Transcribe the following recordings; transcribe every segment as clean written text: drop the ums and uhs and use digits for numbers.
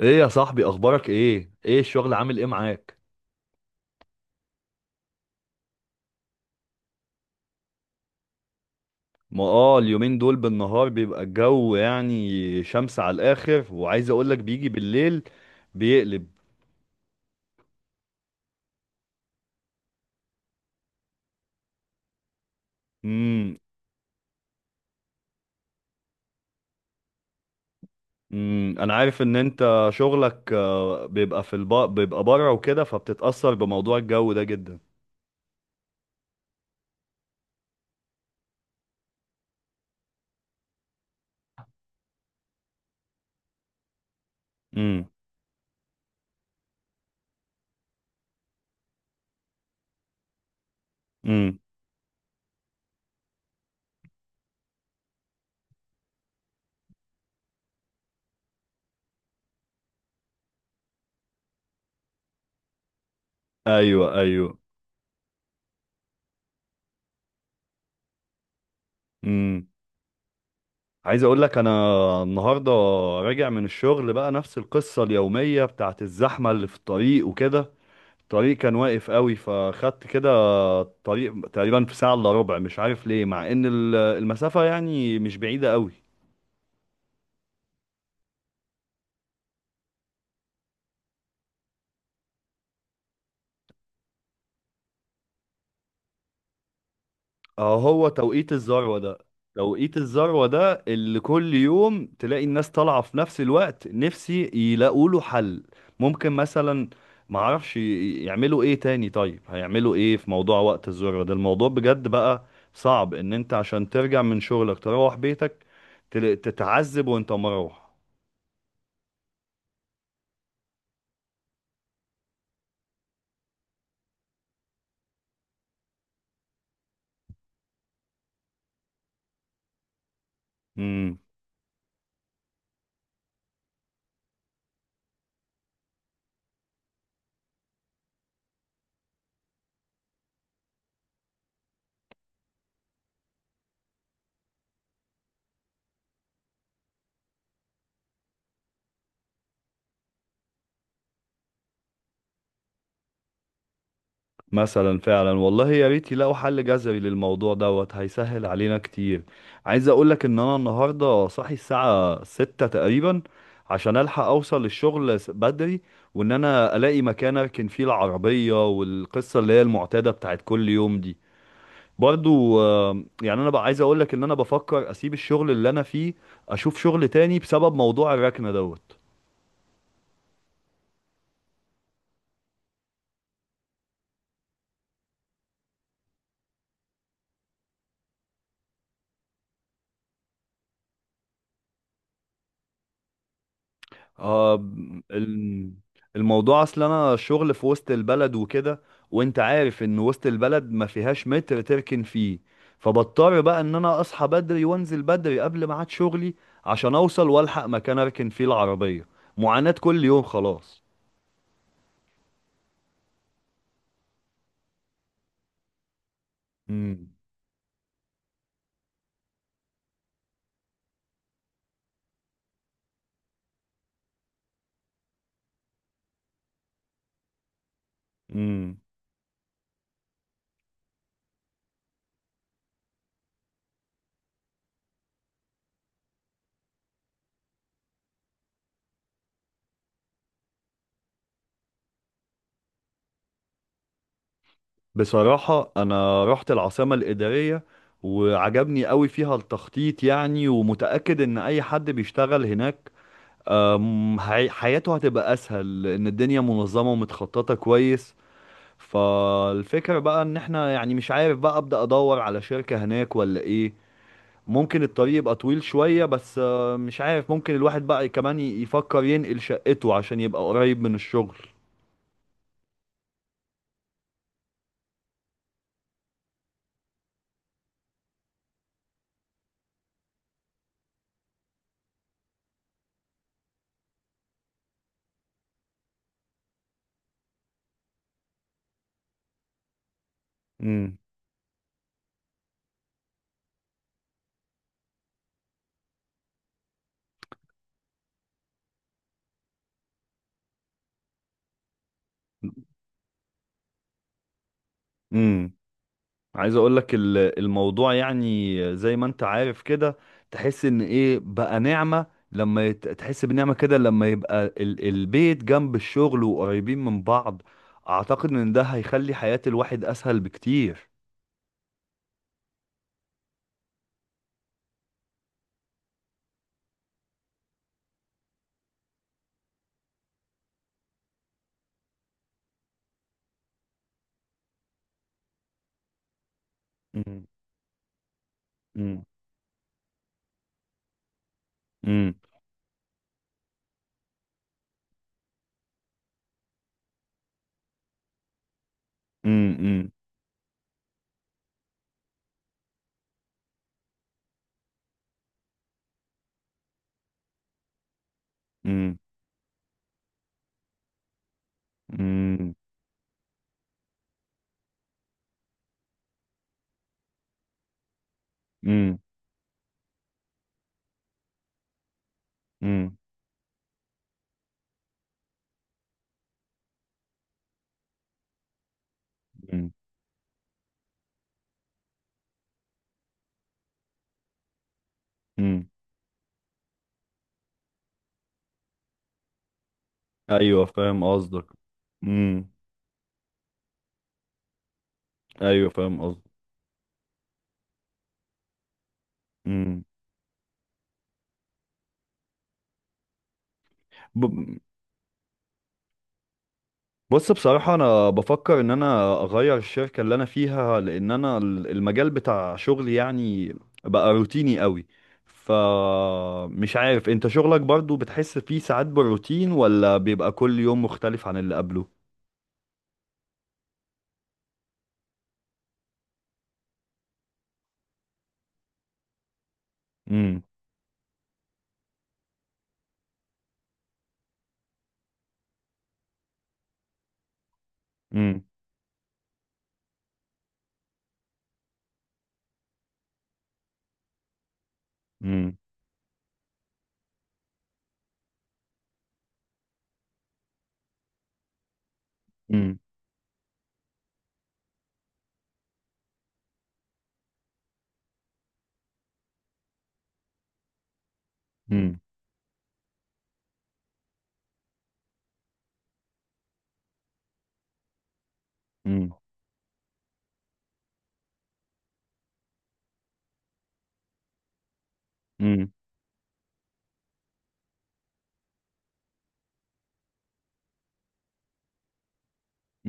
ايه يا صاحبي، اخبارك ايه؟ ايه الشغل؟ عامل ايه معاك؟ ما اليومين دول بالنهار بيبقى الجو يعني شمس على الاخر، وعايز اقولك بيجي بالليل بيقلب. امم. امم. انا عارف ان انت شغلك بيبقى بره وكده، فبتتأثر بموضوع الجو ده جدا. امم. امم. ايوه، ايوه. امم. عايز اقولك، انا النهارده راجع من الشغل، بقى نفس القصة اليومية بتاعت الزحمة اللي في الطريق وكده. الطريق كان واقف قوي، فخدت كده طريق تقريبا في ساعة الا ربع. مش عارف ليه، مع ان المسافة يعني مش بعيدة قوي. اه، هو توقيت الذروة ده. توقيت الذروة ده اللي كل يوم تلاقي الناس طالعة في نفس الوقت. نفسي يلاقوا له حل. ممكن مثلا، معرفش يعملوا ايه تاني. طيب هيعملوا ايه في موضوع وقت الذروة ده؟ الموضوع بجد بقى صعب ان انت عشان ترجع من شغلك تروح بيتك تتعذب وانت مروح. مثلا فعلا، والله يا ريت يلاقوا حل جذري للموضوع دوت، هيسهل علينا كتير. عايز اقولك ان انا النهارده صاحي الساعة 6 تقريبا، عشان الحق اوصل للشغل بدري. وان انا الاقي مكان اركن فيه العربية، والقصة اللي هي المعتادة بتاعت كل يوم دي برضو. يعني انا بقى عايز اقولك ان انا بفكر اسيب الشغل اللي انا فيه، اشوف شغل تاني بسبب موضوع الركنة دوت. آه الم- الموضوع اصل انا شغل في وسط البلد وكده، وانت عارف ان وسط البلد ما فيهاش متر تركن فيه. فبضطر بقى ان انا اصحى بدري وانزل بدري قبل ميعاد شغلي، عشان اوصل والحق مكان اركن فيه العربية. معاناة كل يوم خلاص. امم. امم. بصراحة أنا رحت العاصمة الإدارية وعجبني قوي فيها التخطيط يعني، ومتأكد إن أي حد بيشتغل هناك حياته هتبقى اسهل، لان الدنيا منظمه ومتخططه كويس. فالفكره بقى ان احنا يعني مش عارف، بقى ابدا ادور على شركه هناك ولا ايه. ممكن الطريق يبقى طويل شويه، بس مش عارف، ممكن الواحد بقى كمان يفكر ينقل شقته عشان يبقى قريب من الشغل. امم. عايز اقول لك، الموضوع يعني زي ما انت عارف كده، تحس ان ايه بقى نعمة، لما تحس بنعمة كده لما يبقى البيت جنب الشغل وقريبين من بعض. اعتقد ان ده هيخلي حياة الواحد اسهل بكتير. مم. مم. مم. مم. مم. مم. مم. مم. مم. مم. ايوه، فاهم قصدك. مم. ايوه، فاهم قصدك. مم. بص، بصراحة أنا بفكر إن أنا أغير الشركة اللي أنا فيها، لأن أنا المجال بتاع شغلي يعني بقى روتيني قوي. فمش عارف، أنت شغلك برضو بتحس فيه ساعات بالروتين ولا بيبقى كل يوم مختلف عن اللي قبله؟ امم. امم. امم. امم. امم.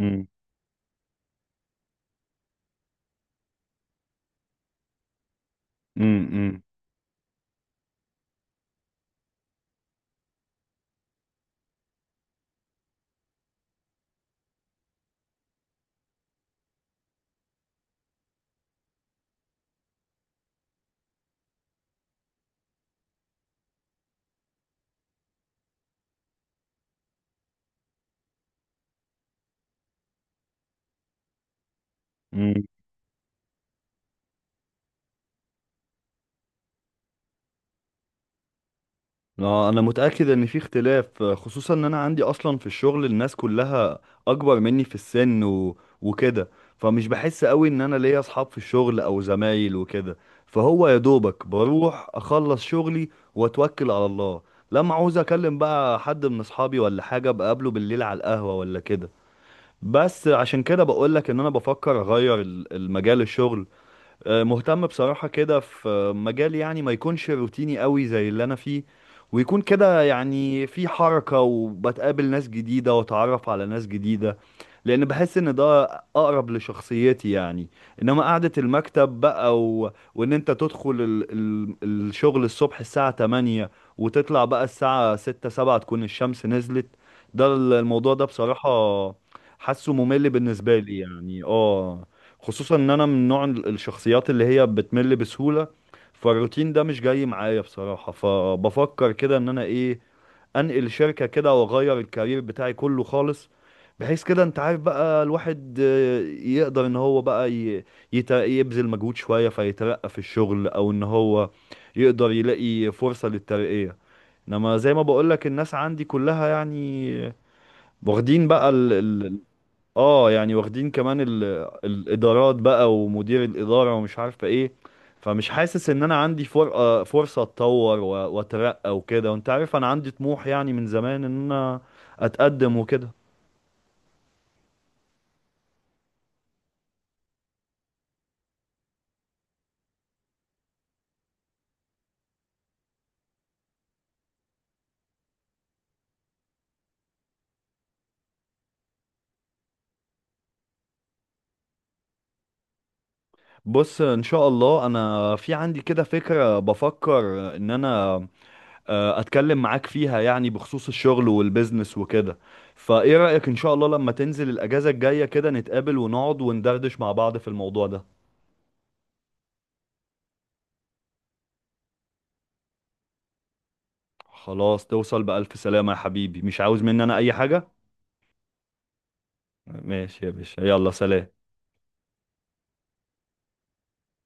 امم. امم. اه، انا متاكد ان في اختلاف، خصوصا ان انا عندي اصلا في الشغل الناس كلها اكبر مني في السن وكده. فمش بحس قوي ان انا ليا اصحاب في الشغل او زمايل وكده. فهو يا دوبك بروح اخلص شغلي واتوكل على الله. لما عاوز اكلم بقى حد من اصحابي ولا حاجه، بقابله بالليل على القهوه ولا كده. بس عشان كده بقولك ان انا بفكر اغير المجال الشغل. مهتم بصراحة كده في مجال يعني ما يكونش روتيني قوي زي اللي أنا فيه، ويكون كده يعني في حركة وبتقابل ناس جديدة وأتعرف على ناس جديدة. لأن بحس إن ده أقرب لشخصيتي يعني. إنما قعدة المكتب بقى، وإن أنت تدخل الشغل الصبح الساعة 8 وتطلع بقى الساعة 6 7، تكون الشمس نزلت. ده الموضوع ده بصراحة حاسه ممل بالنسبة لي يعني، اه. خصوصا ان انا من نوع الشخصيات اللي هي بتمل بسهولة. فالروتين ده مش جاي معايا بصراحة، فبفكر كده ان انا ايه، انقل شركة كده واغير الكارير بتاعي كله خالص، بحيث كده انت عارف بقى الواحد يقدر ان هو بقى يبذل مجهود شوية فيترقى في الشغل، او ان هو يقدر يلاقي فرصة للترقية. انما زي ما بقولك، الناس عندي كلها يعني واخدين بقى، اه يعني واخدين كمان الادارات بقى ومدير الاداره ومش عارفه ايه. فمش حاسس ان انا عندي فر... آه، فرصه اتطور واترقى وكده. وانت عارف انا عندي طموح يعني من زمان ان انا اتقدم وكده. بص، ان شاء الله انا في عندي كده فكره، بفكر ان انا اتكلم معاك فيها يعني بخصوص الشغل والبيزنس وكده. فايه رايك، ان شاء الله لما تنزل الاجازه الجايه كده نتقابل ونقعد وندردش مع بعض في الموضوع ده؟ خلاص، توصل بألف سلامة يا حبيبي. مش عاوز مني أنا أي حاجة؟ ماشي يا باشا، يلا سلام.